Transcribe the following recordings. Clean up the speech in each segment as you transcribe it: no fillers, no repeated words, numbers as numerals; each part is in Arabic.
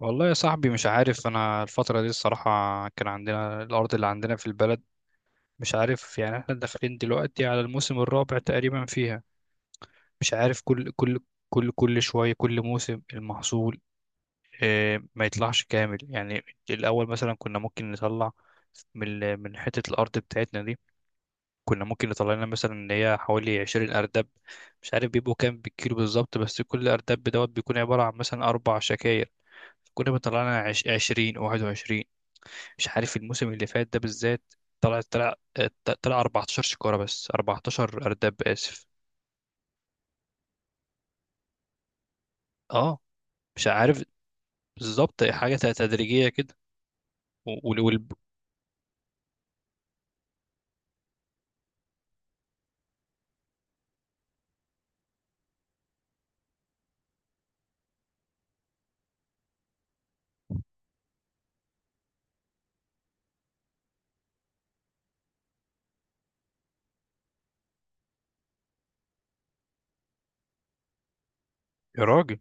والله يا صاحبي، مش عارف انا الفترة دي الصراحة. كان عندنا الارض اللي عندنا في البلد. مش عارف، يعني احنا داخلين دلوقتي على الموسم الرابع تقريبا فيها. مش عارف، كل شوية كل موسم المحصول، ما يطلعش كامل يعني. الاول مثلا كنا ممكن نطلع من حتة الارض بتاعتنا دي. كنا ممكن نطلع لنا مثلا ان هي حوالي 20 اردب. مش عارف بيبقوا كام بالكيلو بالظبط، بس كل اردب دوت بيكون عبارة عن مثلا اربع شكاير. كنا بيطلع لنا 20 21. مش عارف الموسم اللي فات ده بالذات، طلع طلع طلع 14 شكارة، بس 14 أرداب آسف. اه مش عارف بالظبط، حاجة تدريجية كده. وال... وال... يا راجل.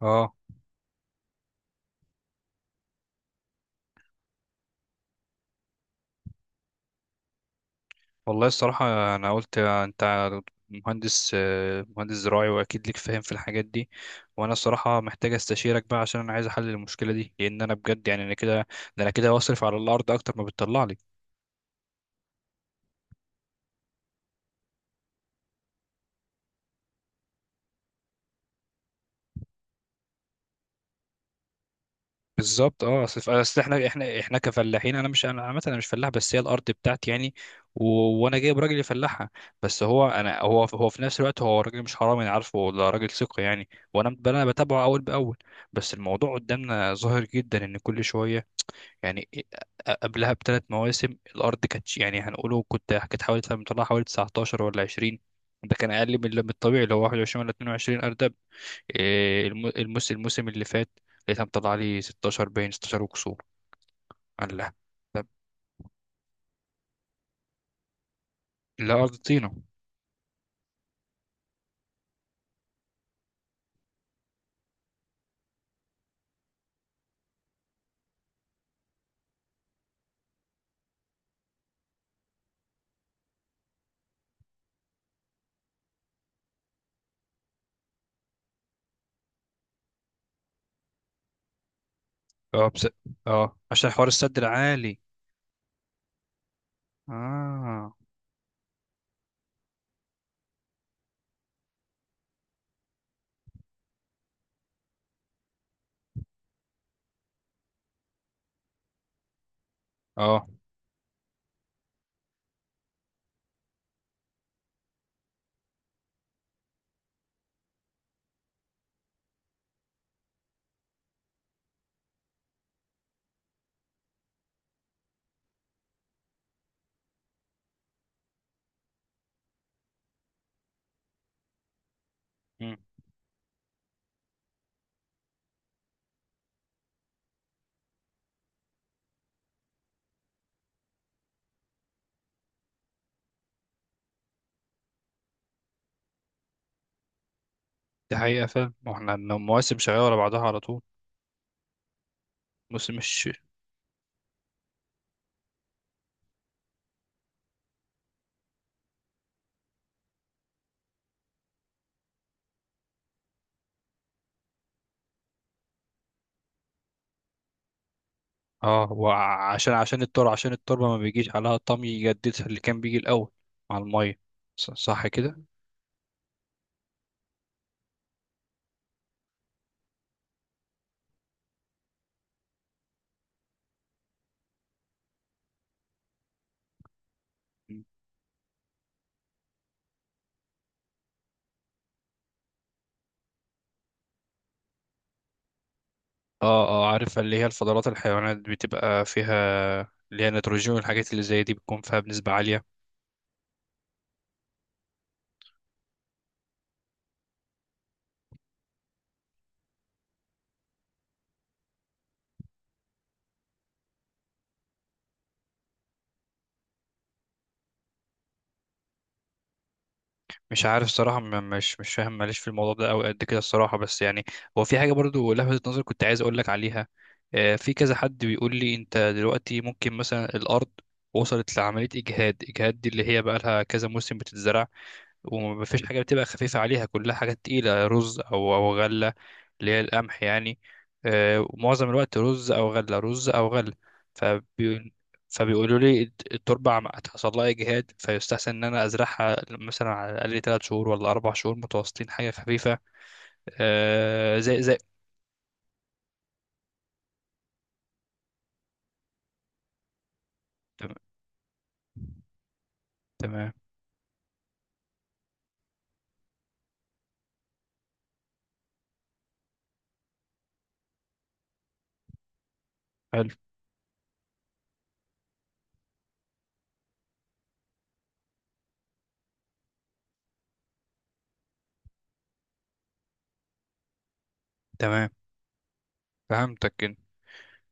اه. والله الصراحة أنا قلت أنت مهندس، مهندس زراعي وأكيد ليك فاهم في الحاجات دي. وأنا الصراحة محتاج أستشيرك بقى، عشان أنا عايز أحل المشكلة دي، لأن أنا بجد يعني أنا كده، ده أنا كده بصرف على الأرض أكتر ما بتطلع لي. بالظبط. اه، اصل اصل احنا كفلاحين. انا مش انا عامه انا مش فلاح، بس هي الارض بتاعتي يعني. و... وانا جايب راجل يفلحها، بس هو في نفس الوقت هو راجل مش حرامي، انا عارفه ده راجل ثقه يعني. وانا ب- انا بتابعه اول باول. بس الموضوع قدامنا ظاهر جدا، ان كل شويه يعني. قبلها بثلاث مواسم الارض كانت يعني هنقوله، كنت كانت حوالي مطلعها حوالي 19 ولا 20. ده كان اقل من الطبيعي اللي هو 21 ولا 22 ارض. إيه الموسم اللي فات لقيتها مطلع لي 16، باين 16 وكسور. قال لها. طب لا ارضينا. اه بس. اه عشان حوار السد العالي. اه. اه. مم. دي حقيقة فعلا، ما احنا المواسم شغالة ورا بعضها على طول. موسم مش. اه، وعشان عشان التربة عشان التربة ما بيجيش عليها طمي يجددها اللي كان بيجي الأول مع المية. صح كده؟ مم. اه عارف، اللي هي الفضلات الحيوانات بتبقى فيها، اللي هي نيتروجين والحاجات اللي زي دي بتكون فيها بنسبة عالية. مش عارف الصراحة، مش فاهم، ماليش في الموضوع ده أوي قد كده الصراحة. بس يعني هو في حاجة برضو لفتت نظري كنت عايز أقولك عليها. في كذا حد بيقول لي أنت دلوقتي ممكن مثلا الأرض وصلت لعملية إجهاد دي، اللي هي بقى لها كذا موسم بتتزرع ومفيش حاجة بتبقى خفيفة عليها، كلها حاجات تقيلة، رز أو غلة، اللي هي القمح يعني. ومعظم الوقت رز او غله رز او غله. فبي... فبيقولوا لي التربه هتحصل لها اجهاد، فيستحسن ان انا ازرعها مثلا على الاقل 3 شهور ولا 4 شهور متواصلين، حاجه خفيفه، زي. تمام. تمام. حلو. تمام. فهمتك كده.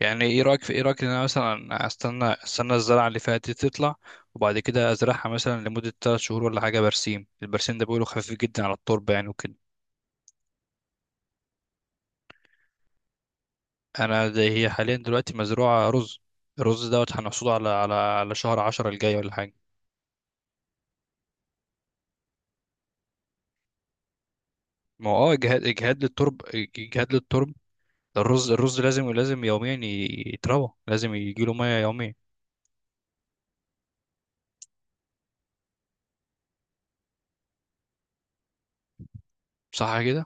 يعني ايه رايك ان انا مثلا استنى الزرعه اللي فاتت دي تطلع، وبعد كده ازرعها مثلا لمده 3 شهور ولا حاجه برسيم. البرسيم ده بيقولوا خفيف جدا على التربه يعني وكده. انا ده هي حاليا دلوقتي مزروعه رز. الرز دوت هنحصده على شهر عشرة الجاي ولا حاجه. ما هو اه، اجهاد للترب اجهاد للترب. الرز الرز لازم لازم يوميا يتروى، لازم يجيله ميه يوميا. صح كده.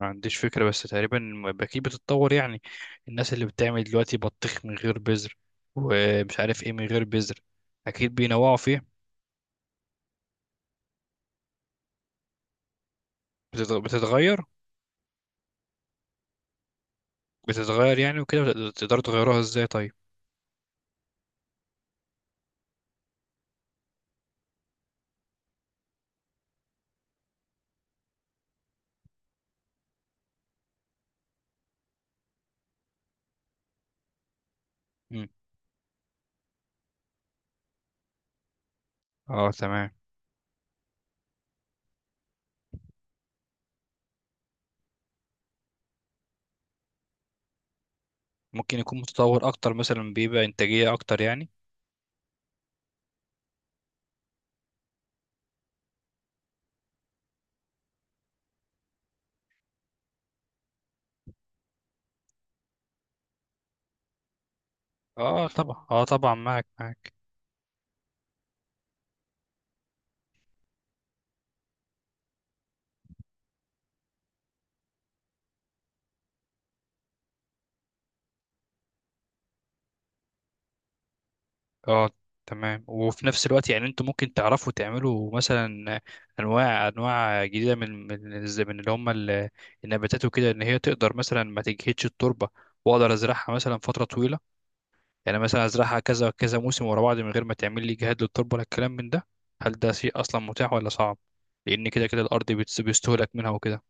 ما عنديش فكره، بس تقريبا اكيد بتتطور يعني. الناس اللي بتعمل دلوقتي بطيخ من غير بذر، ومش عارف ايه من غير بذر، اكيد بينوعوا فيه. بتتغير. بتتغير يعني وكده، تقدروا تغيروها ازاي طيب. مم. اه تمام. ممكن يكون متطور اكتر مثلا، بيبقى انتاجيه اكتر يعني. اه طبعا، اه طبعا، معك معك. اه تمام. وفي نفس الوقت يعني انتوا ممكن تعرفوا تعملوا مثلا انواع جديده من اللي هم النباتات وكده، ان هي تقدر مثلا ما تجهدش التربه، واقدر ازرعها مثلا فتره طويله. يعني مثلا ازرعها كذا كذا موسم ورا بعض من غير ما تعمل لي جهاد للتربه ولا الكلام من ده. هل ده شيء اصلا متاح ولا صعب؟ لان كده كده الارض بيستهلك منها وكده.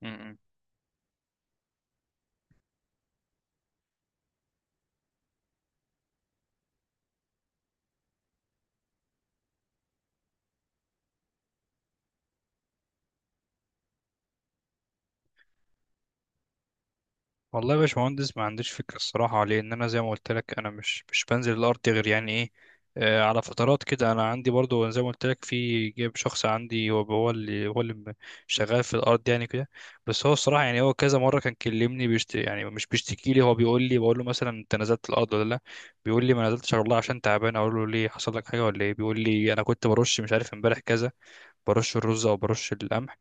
تمام. والله يا باشمهندس ما عنديش فكرة الصراحة. لأن أنا زي ما قلت لك أنا مش بنزل الأرض غير يعني إيه، على فترات كده. أنا عندي برضو زي ما قلت لك، في جايب شخص عندي هو اللي شغال في الأرض يعني كده. بس هو الصراحة، يعني هو كذا مرة كان كلمني، يعني مش بيشتكي لي. هو بيقول لي، بقول له مثلا أنت نزلت الأرض ولا لأ، بيقول لي ما نزلتش والله عشان تعبان. أقول له ليه، حصل لك حاجة ولا إيه؟ بيقول لي أنا كنت برش، مش عارف امبارح كذا، برش الرز أو برش القمح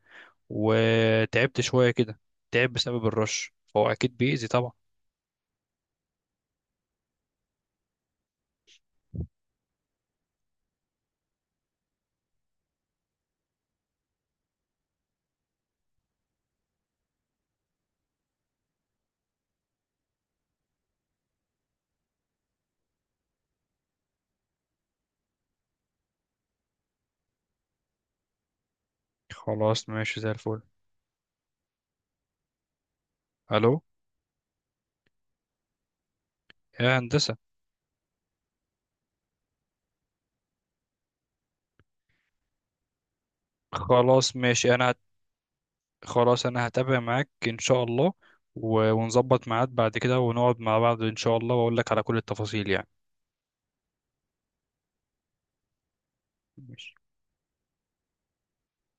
وتعبت شوية كده. تعب بسبب الرش، فهو أكيد بيأذي طبعا. خلاص ماشي زي الفل. الو. يا هندسة. خلاص ماشي، خلاص انا هتابع معاك ان شاء الله. ونظبط ميعاد بعد كده، ونقعد مع بعض ان شاء الله، واقول لك على كل التفاصيل يعني. ماشي.